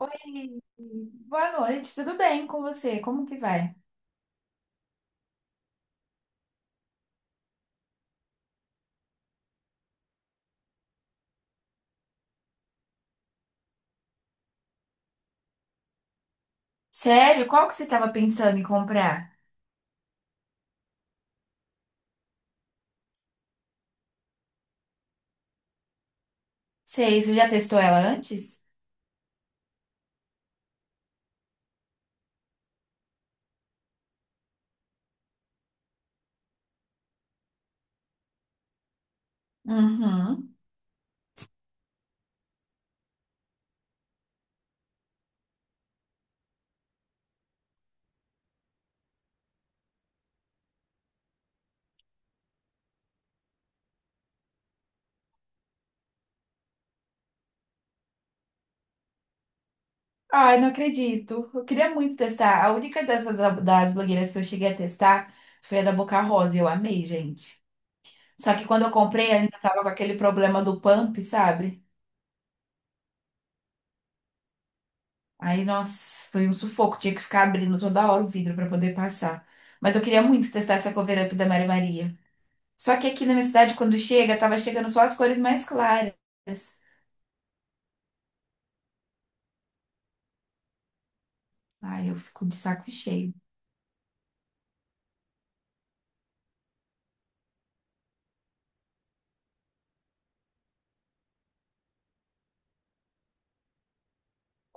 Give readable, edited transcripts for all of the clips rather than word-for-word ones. Oi, boa noite, tudo bem com você? Como que vai? Sério, qual que você estava pensando em comprar? Sei, você já testou ela antes? Uhum. Ai, não acredito. Eu queria muito testar. A única das blogueiras que eu cheguei a testar foi a da Boca Rosa e eu amei, gente. Só que quando eu comprei, ela ainda tava com aquele problema do pump, sabe? Aí, nossa, foi um sufoco. Tinha que ficar abrindo toda hora o vidro para poder passar. Mas eu queria muito testar essa cover up da Mary Maria. Só que aqui na minha cidade, quando chega, tava chegando só as cores mais claras. Ai, eu fico de saco cheio.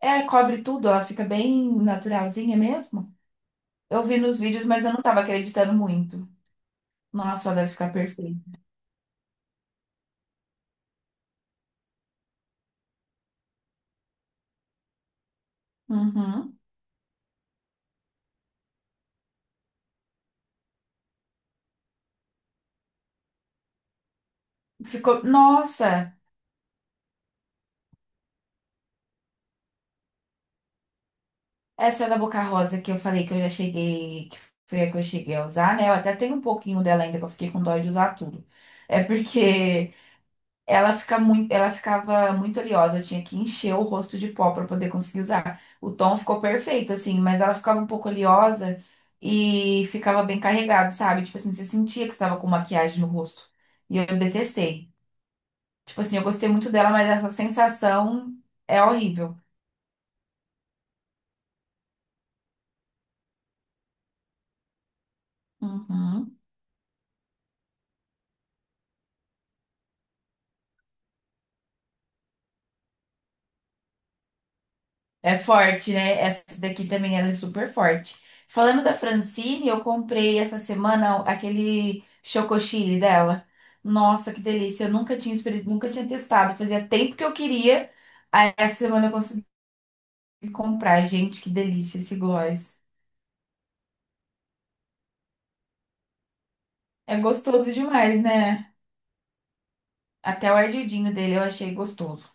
É, cobre tudo, ela fica bem naturalzinha mesmo. Eu vi nos vídeos, mas eu não tava acreditando muito. Nossa, ela deve ficar perfeita. Uhum. Ficou. Nossa, essa da Boca Rosa que eu falei que eu já cheguei, que foi a que eu cheguei a usar, né? Eu até tenho um pouquinho dela ainda, que eu fiquei com dó de usar tudo. É porque ela fica muito, ela ficava muito oleosa, eu tinha que encher o rosto de pó para poder conseguir usar. O tom ficou perfeito, assim, mas ela ficava um pouco oleosa e ficava bem carregado, sabe? Tipo assim, você sentia que estava com maquiagem no rosto. E eu detestei. Tipo assim, eu gostei muito dela, mas essa sensação é horrível. Uhum. É forte, né? Essa daqui também ela é super forte. Falando da Francine, eu comprei essa semana aquele chocosile dela. Nossa, que delícia! Eu nunca tinha testado. Fazia tempo que eu queria. Aí essa semana eu consegui comprar. Gente, que delícia esse gloss. É gostoso demais, né? Até o ardidinho dele eu achei gostoso.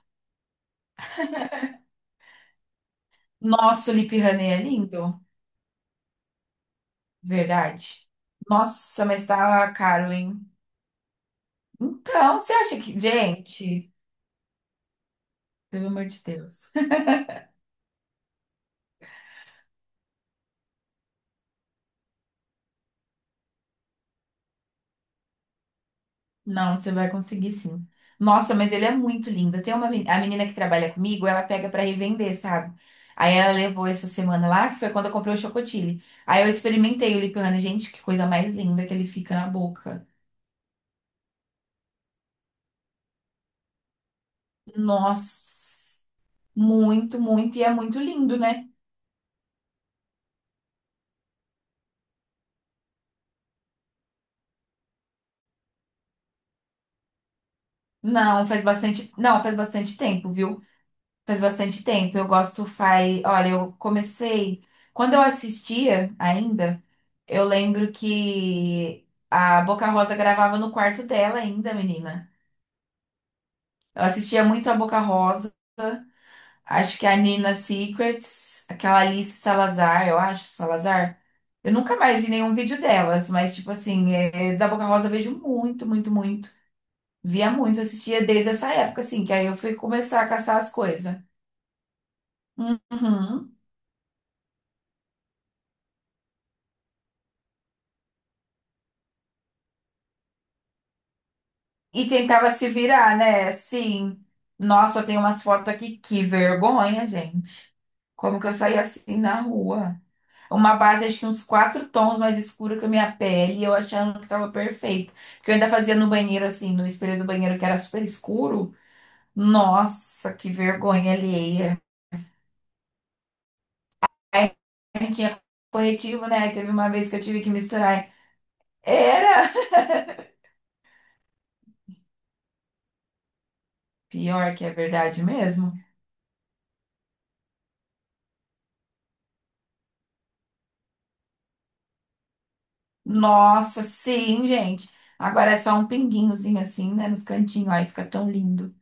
Nossa, o Lip Honey é lindo, verdade. Nossa, mas tá caro, hein? Então, você acha que, gente, pelo amor de Deus. Não, você vai conseguir sim. Nossa, mas ele é muito lindo. Tem a menina que trabalha comigo, ela pega pra revender, sabe? Aí ela levou essa semana lá, que foi quando eu comprei o chocotile. Aí eu experimentei o lip honey. Gente, que coisa mais linda que ele fica na boca. Nossa, muito, muito. E é muito lindo, né? Não, faz bastante. Não, faz bastante tempo, viu? Faz bastante tempo. Eu gosto, faz. Olha, eu comecei. Quando eu assistia ainda, eu lembro que a Boca Rosa gravava no quarto dela ainda, menina. Eu assistia muito a Boca Rosa. Acho que a Nina Secrets, aquela Alice Salazar, eu acho, Salazar. Eu nunca mais vi nenhum vídeo delas, mas, tipo assim, da Boca Rosa eu vejo muito, muito, muito. Via muito, assistia desde essa época, assim, que aí eu fui começar a caçar as coisas. Uhum. E tentava se virar, né? Sim. Nossa, tem umas fotos aqui, que vergonha, gente. Como que eu saí assim na rua? Uma base, acho que uns quatro tons mais escura que a minha pele, e eu achando que tava perfeito. Porque eu ainda fazia no banheiro, assim, no espelho do banheiro, que era super escuro. Nossa, que vergonha alheia. Aí não tinha corretivo, né? Aí teve uma vez que eu tive que misturar. Era! Pior que é verdade mesmo. Nossa, sim, gente. Agora é só um pinguinhozinho assim, né, nos cantinhos, aí fica tão lindo.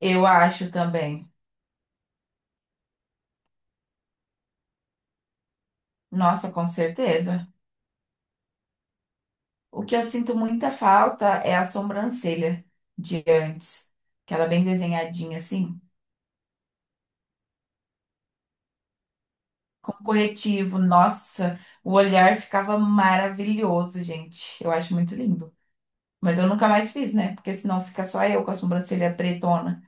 Eu acho também. Nossa, com certeza. O que eu sinto muita falta é a sobrancelha de antes, que ela é bem desenhadinha assim, com corretivo. Nossa, o olhar ficava maravilhoso, gente. Eu acho muito lindo. Mas eu nunca mais fiz, né? Porque senão fica só eu com a sobrancelha pretona.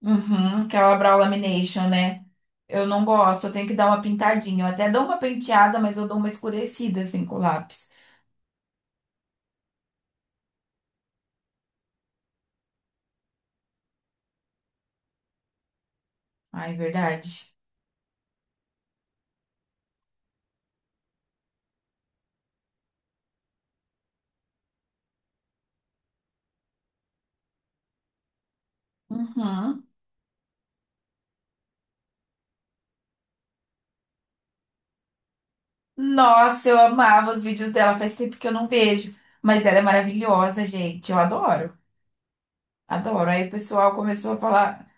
Uhum, aquela brow lamination, né? Eu não gosto, eu tenho que dar uma pintadinha. Eu até dou uma penteada, mas eu dou uma escurecida assim com o lápis. Ai, verdade. Uhum. Nossa, eu amava os vídeos dela, faz tempo que eu não vejo. Mas ela é maravilhosa, gente. Eu adoro, adoro. Aí o pessoal começou a falar.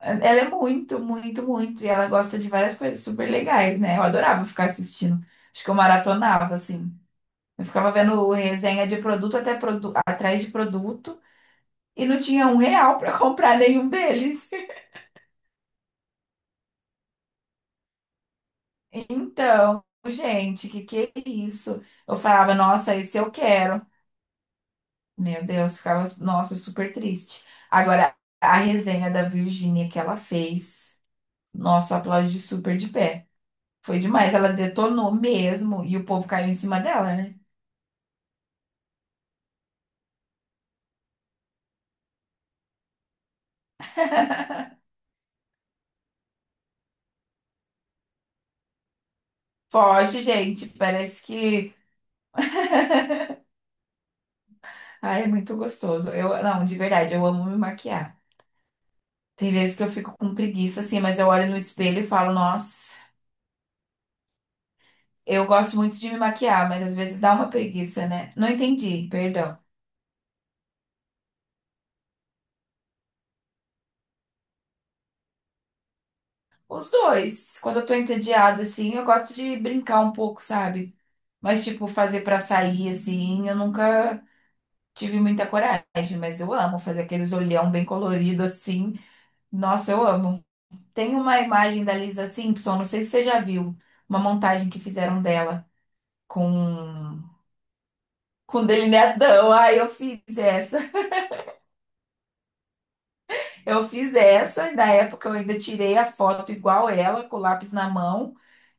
Ela é muito, muito, muito. E ela gosta de várias coisas super legais, né? Eu adorava ficar assistindo. Acho que eu maratonava, assim. Eu ficava vendo resenha de produto atrás de produto e não tinha um real pra comprar nenhum deles. Então, gente, que é isso? Eu falava, nossa, esse eu quero. Meu Deus, ficava, nossa, super triste. Agora, a resenha da Virgínia que ela fez, nossa, aplaudi super de pé. Foi demais, ela detonou mesmo e o povo caiu em cima dela, né? Foge, gente, parece que. Ai, é muito gostoso. Eu, não, de verdade, eu amo me maquiar. Tem vezes que eu fico com preguiça assim, mas eu olho no espelho e falo, nossa. Eu gosto muito de me maquiar, mas às vezes dá uma preguiça, né? Não entendi, perdão. Os dois. Quando eu tô entediada, assim, eu gosto de brincar um pouco, sabe? Mas, tipo, fazer pra sair, assim, eu nunca tive muita coragem, mas eu amo fazer aqueles olhão bem colorido, assim. Nossa, eu amo. Tem uma imagem da Lisa Simpson, não sei se você já viu, uma montagem que fizeram dela com, com delineadão. Ai, eu fiz essa. Eu fiz essa, e na época eu ainda tirei a foto igual ela, com o lápis na mão,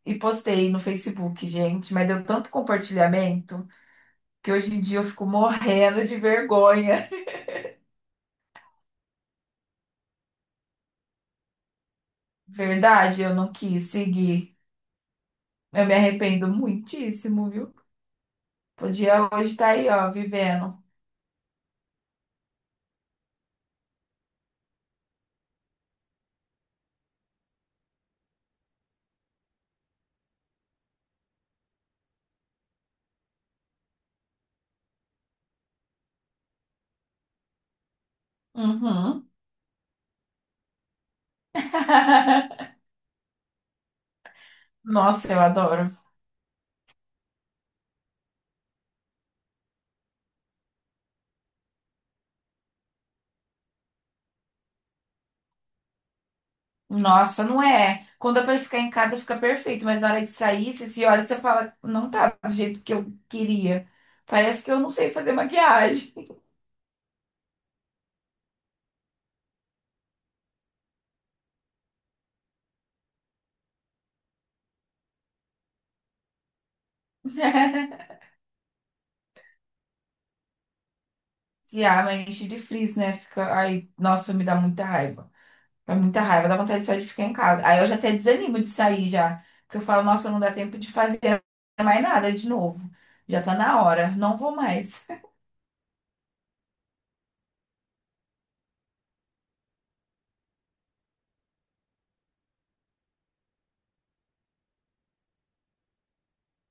e postei no Facebook, gente. Mas deu tanto compartilhamento que hoje em dia eu fico morrendo de vergonha. Verdade, eu não quis seguir. Eu me arrependo muitíssimo, viu? Podia hoje estar aí, ó, vivendo. Uhum. Nossa, eu adoro. Nossa, não é. Quando é pra ficar em casa, fica perfeito, mas na hora de sair, você se olha e você fala, não tá do jeito que eu queria. Parece que eu não sei fazer maquiagem. Se arma, enche de frizz, né? Fica. Ai, nossa, me dá muita raiva. Dá muita raiva, dá vontade só de ficar em casa. Aí eu já até desanimo de sair já. Porque eu falo, nossa, não dá tempo de fazer mais nada de novo. Já tá na hora, não vou mais.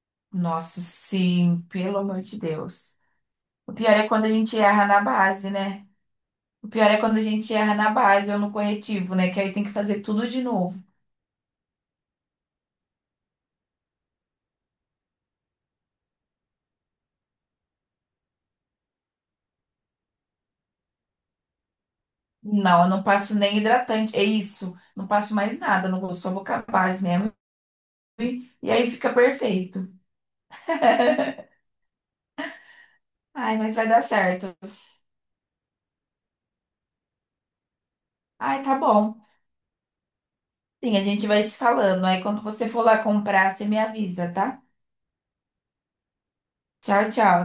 Nossa, sim, pelo amor de Deus. O pior é quando a gente erra na base, né? O pior é quando a gente erra na base ou no corretivo, né? Que aí tem que fazer tudo de novo. Não, eu não passo nem hidratante. É isso. Não passo mais nada. Não vou, só vou com a base mesmo. E aí fica perfeito. Ai, mas vai dar certo. Ai, tá bom. Sim, a gente vai se falando. Aí quando você for lá comprar, você me avisa, tá? Tchau, tchau.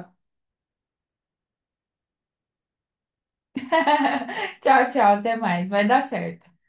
Tchau, tchau. Até mais. Vai dar certo.